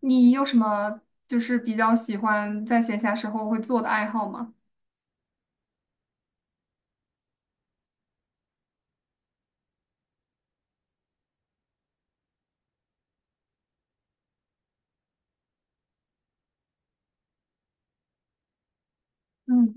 你有什么就是比较喜欢在闲暇时候会做的爱好吗？嗯。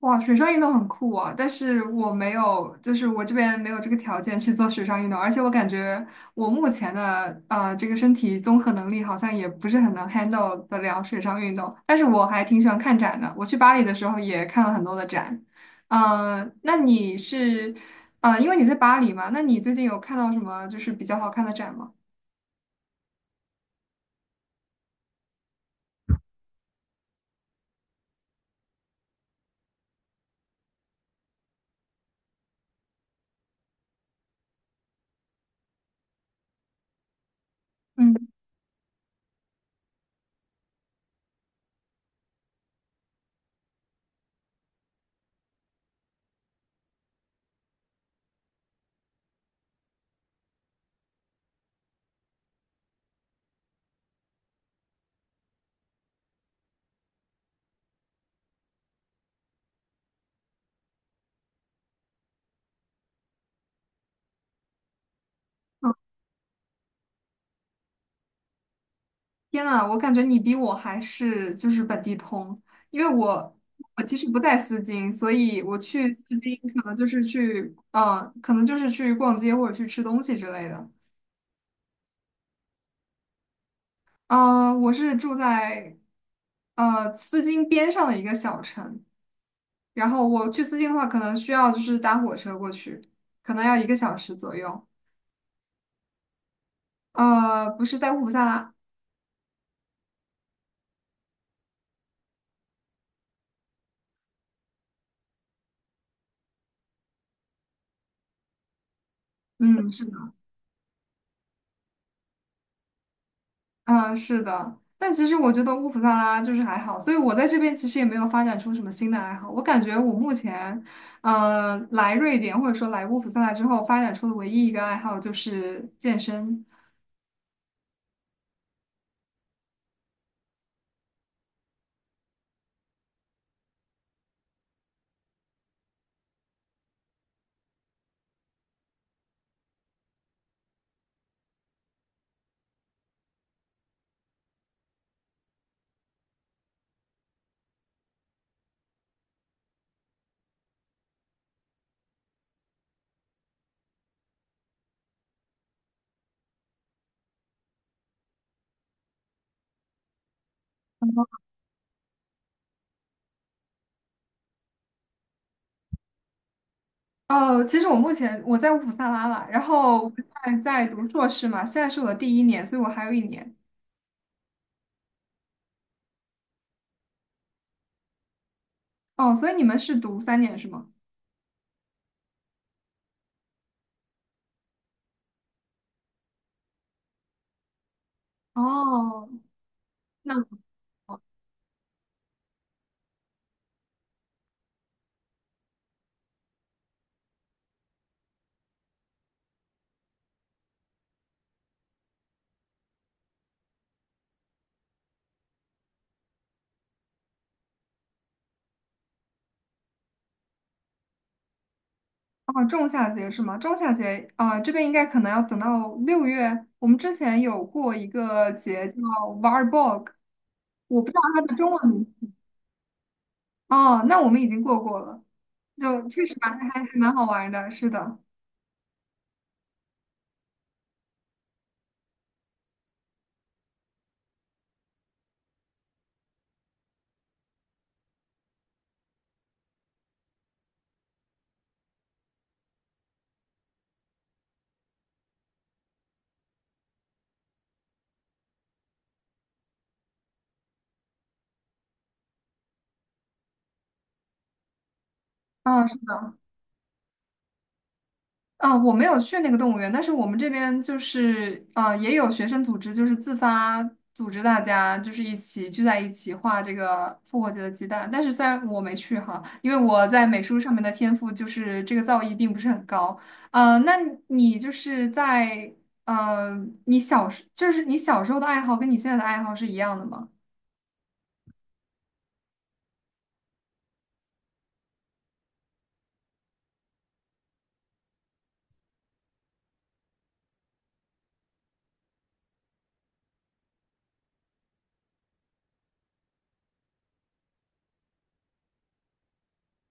哇，水上运动很酷啊，但是我没有，就是我这边没有这个条件去做水上运动，而且我感觉我目前的这个身体综合能力好像也不是很能 handle 得了水上运动，但是我还挺喜欢看展的，我去巴黎的时候也看了很多的展。嗯、那你是呃，因为你在巴黎嘛，那你最近有看到什么就是比较好看的展吗？嗯。天呐，我感觉你比我还是就是本地通，因为我其实不在丝巾，所以我去丝巾可能就是去，可能就是去逛街或者去吃东西之类的。嗯、我是住在丝巾边上的一个小城，然后我去丝巾的话，可能需要就是搭火车过去，可能要一个小时左右。不是在乌普萨拉。嗯，是的。嗯，是的，但其实我觉得乌普萨拉就是还好，所以我在这边其实也没有发展出什么新的爱好。我感觉我目前，来瑞典或者说来乌普萨拉之后发展出的唯一一个爱好就是健身。哦，其实我目前我在乌普萨拉啦，然后我现在在读硕士嘛，现在是我的第一年，所以我还有一年。哦，所以你们是读三年是吗？哦，那。哦，仲夏节是吗？仲夏节啊，这边应该可能要等到六月。我们之前有过一个节叫 Varborg，我不知道它的中文名。哦，那我们已经过过了，就确实蛮蛮好玩的，是的。嗯，是的。啊，我没有去那个动物园，但是我们这边就是也有学生组织，就是自发组织大家就是一起聚在一起画这个复活节的鸡蛋。但是虽然我没去哈，因为我在美术上面的天赋就是这个造诣并不是很高。呃，那你就是在呃，你小时就是你小时候的爱好跟你现在的爱好是一样的吗？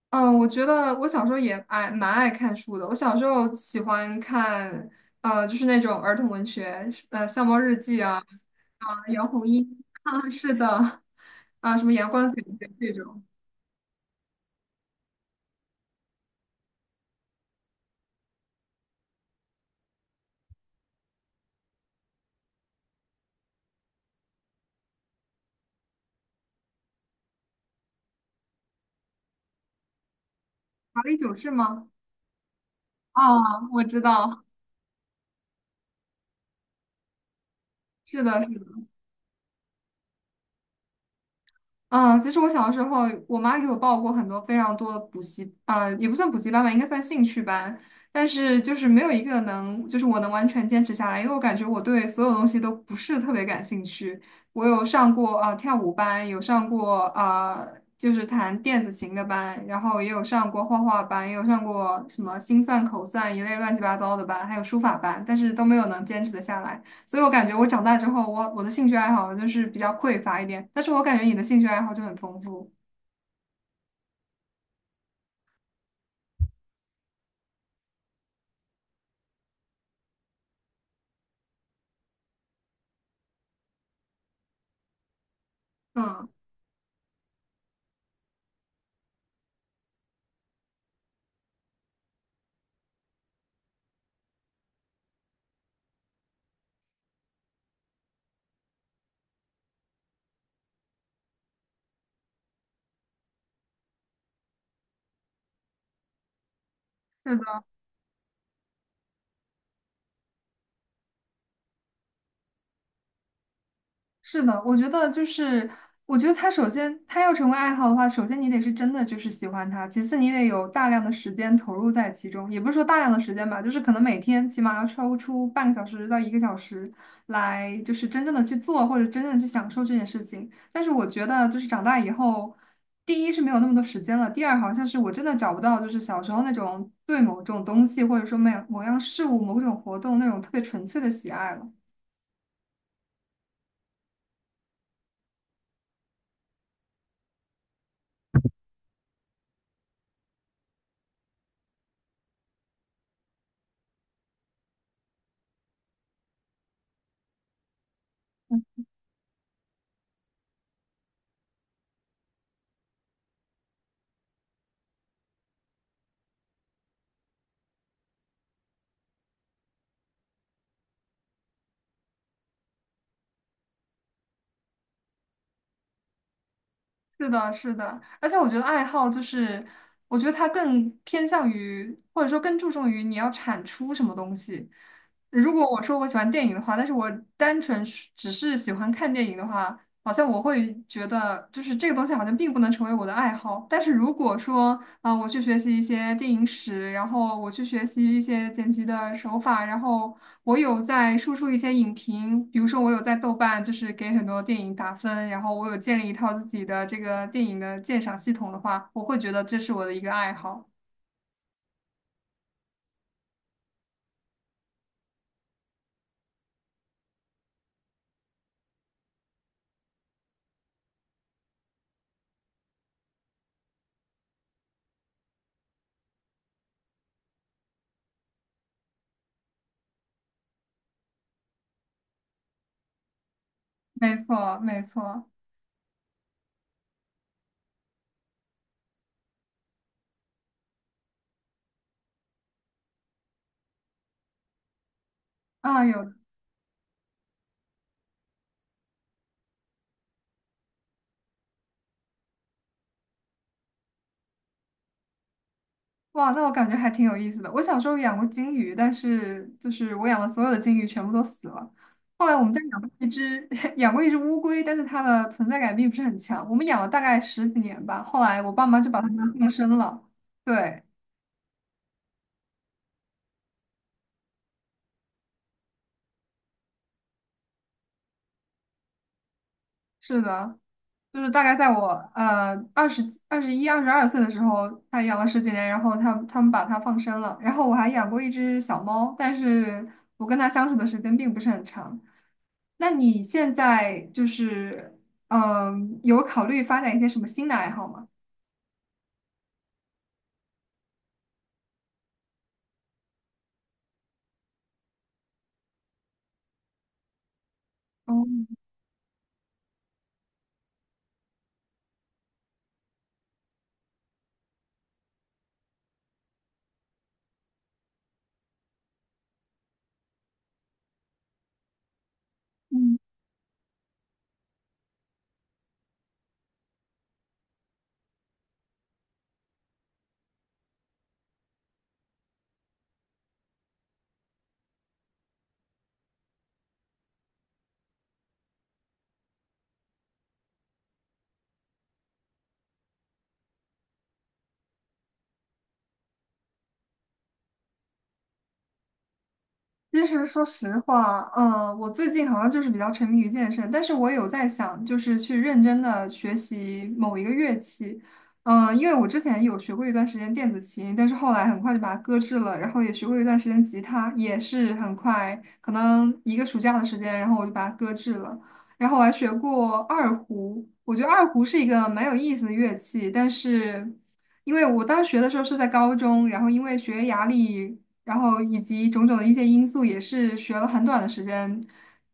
嗯，我觉得我小时候蛮爱看书的。我小时候喜欢看，就是那种儿童文学，《笑猫日记》啊。啊、杨红樱，啊，是的。啊，什么《阳光姐姐》这种。《华丽九世》吗？啊，我知道。是的，是的。嗯，其实我小时候，我妈给我报过非常多的补习，也不算补习班吧，应该算兴趣班，但是就是没有一个能，就是我能完全坚持下来，因为我感觉我对所有东西都不是特别感兴趣。我有上过跳舞班，有上过就是弹电子琴的班，然后也有上过画画班，也有上过什么心算、口算一类乱七八糟的班，还有书法班，但是都没有能坚持的下来。所以我感觉我长大之后，我的兴趣爱好就是比较匮乏一点，但是我感觉你的兴趣爱好就很丰富。嗯，是的。是的，我觉得就是，我觉得他首先他要成为爱好的话，首先你得是真的就是喜欢他，其次你得有大量的时间投入在其中，也不是说大量的时间吧，就是可能每天起码要抽出半个小时到一个小时来，就是真正的去做或者真正的去享受这件事情。但是我觉得就是长大以后，第一是没有那么多时间了，第二好像是我真的找不到就是小时候那种对某种东西或者说某某样事物某种活动那种特别纯粹的喜爱了。是的，是的，而且我觉得爱好就是，我觉得它更偏向于，或者说更注重于你要产出什么东西。如果我说我喜欢电影的话，但是我单纯是只是喜欢看电影的话，好像我会觉得就是这个东西好像并不能成为我的爱好。但是如果说我去学习一些电影史，然后我去学习一些剪辑的手法，然后我有在输出一些影评，比如说我有在豆瓣，就是给很多电影打分，然后我有建立一套自己的这个电影的鉴赏系统的话，我会觉得这是我的一个爱好。没错，没错。啊，有。哇，那我感觉还挺有意思的。我小时候养过金鱼，但是就是我养的所有的金鱼全部都死了。后来我们家养过一只 养过一只乌龟，但是它的存在感并不是很强。我们养了大概十几年吧，后来我爸妈就把它们放生了。对，是的。就是大概在我二十二十一、二十二岁的时候，他养了十几年，然后他们把它放生了，然后我还养过一只小猫，但是我跟它相处的时间并不是很长。那你现在就是嗯、有考虑发展一些什么新的爱好吗？哦。嗯其实说实话，我最近好像就是比较沉迷于健身，但是我有在想，就是去认真的学习某一个乐器。因为我之前有学过一段时间电子琴，但是后来很快就把它搁置了，然后也学过一段时间吉他，也是很快，可能一个暑假的时间，然后我就把它搁置了，然后我还学过二胡，我觉得二胡是一个蛮有意思的乐器。但是因为我当时学的时候是在高中，然后因为学业压力然后以及种种的一些因素，也是学了很短的时间，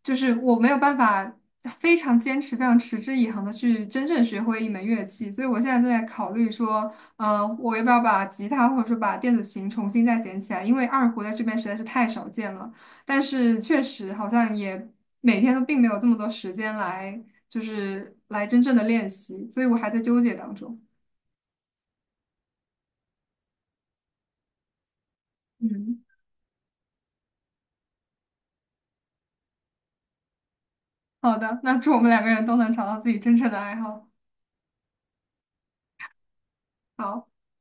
就是我没有办法非常坚持、非常持之以恒的去真正学会一门乐器，所以我现在正在考虑说，我要不要把吉他或者说把电子琴重新再捡起来，因为二胡在这边实在是太少见了，但是确实好像也每天都并没有这么多时间来，就是来真正的练习，所以我还在纠结当中。嗯，好的，那祝我们两个人都能找到自己真正的爱好。好。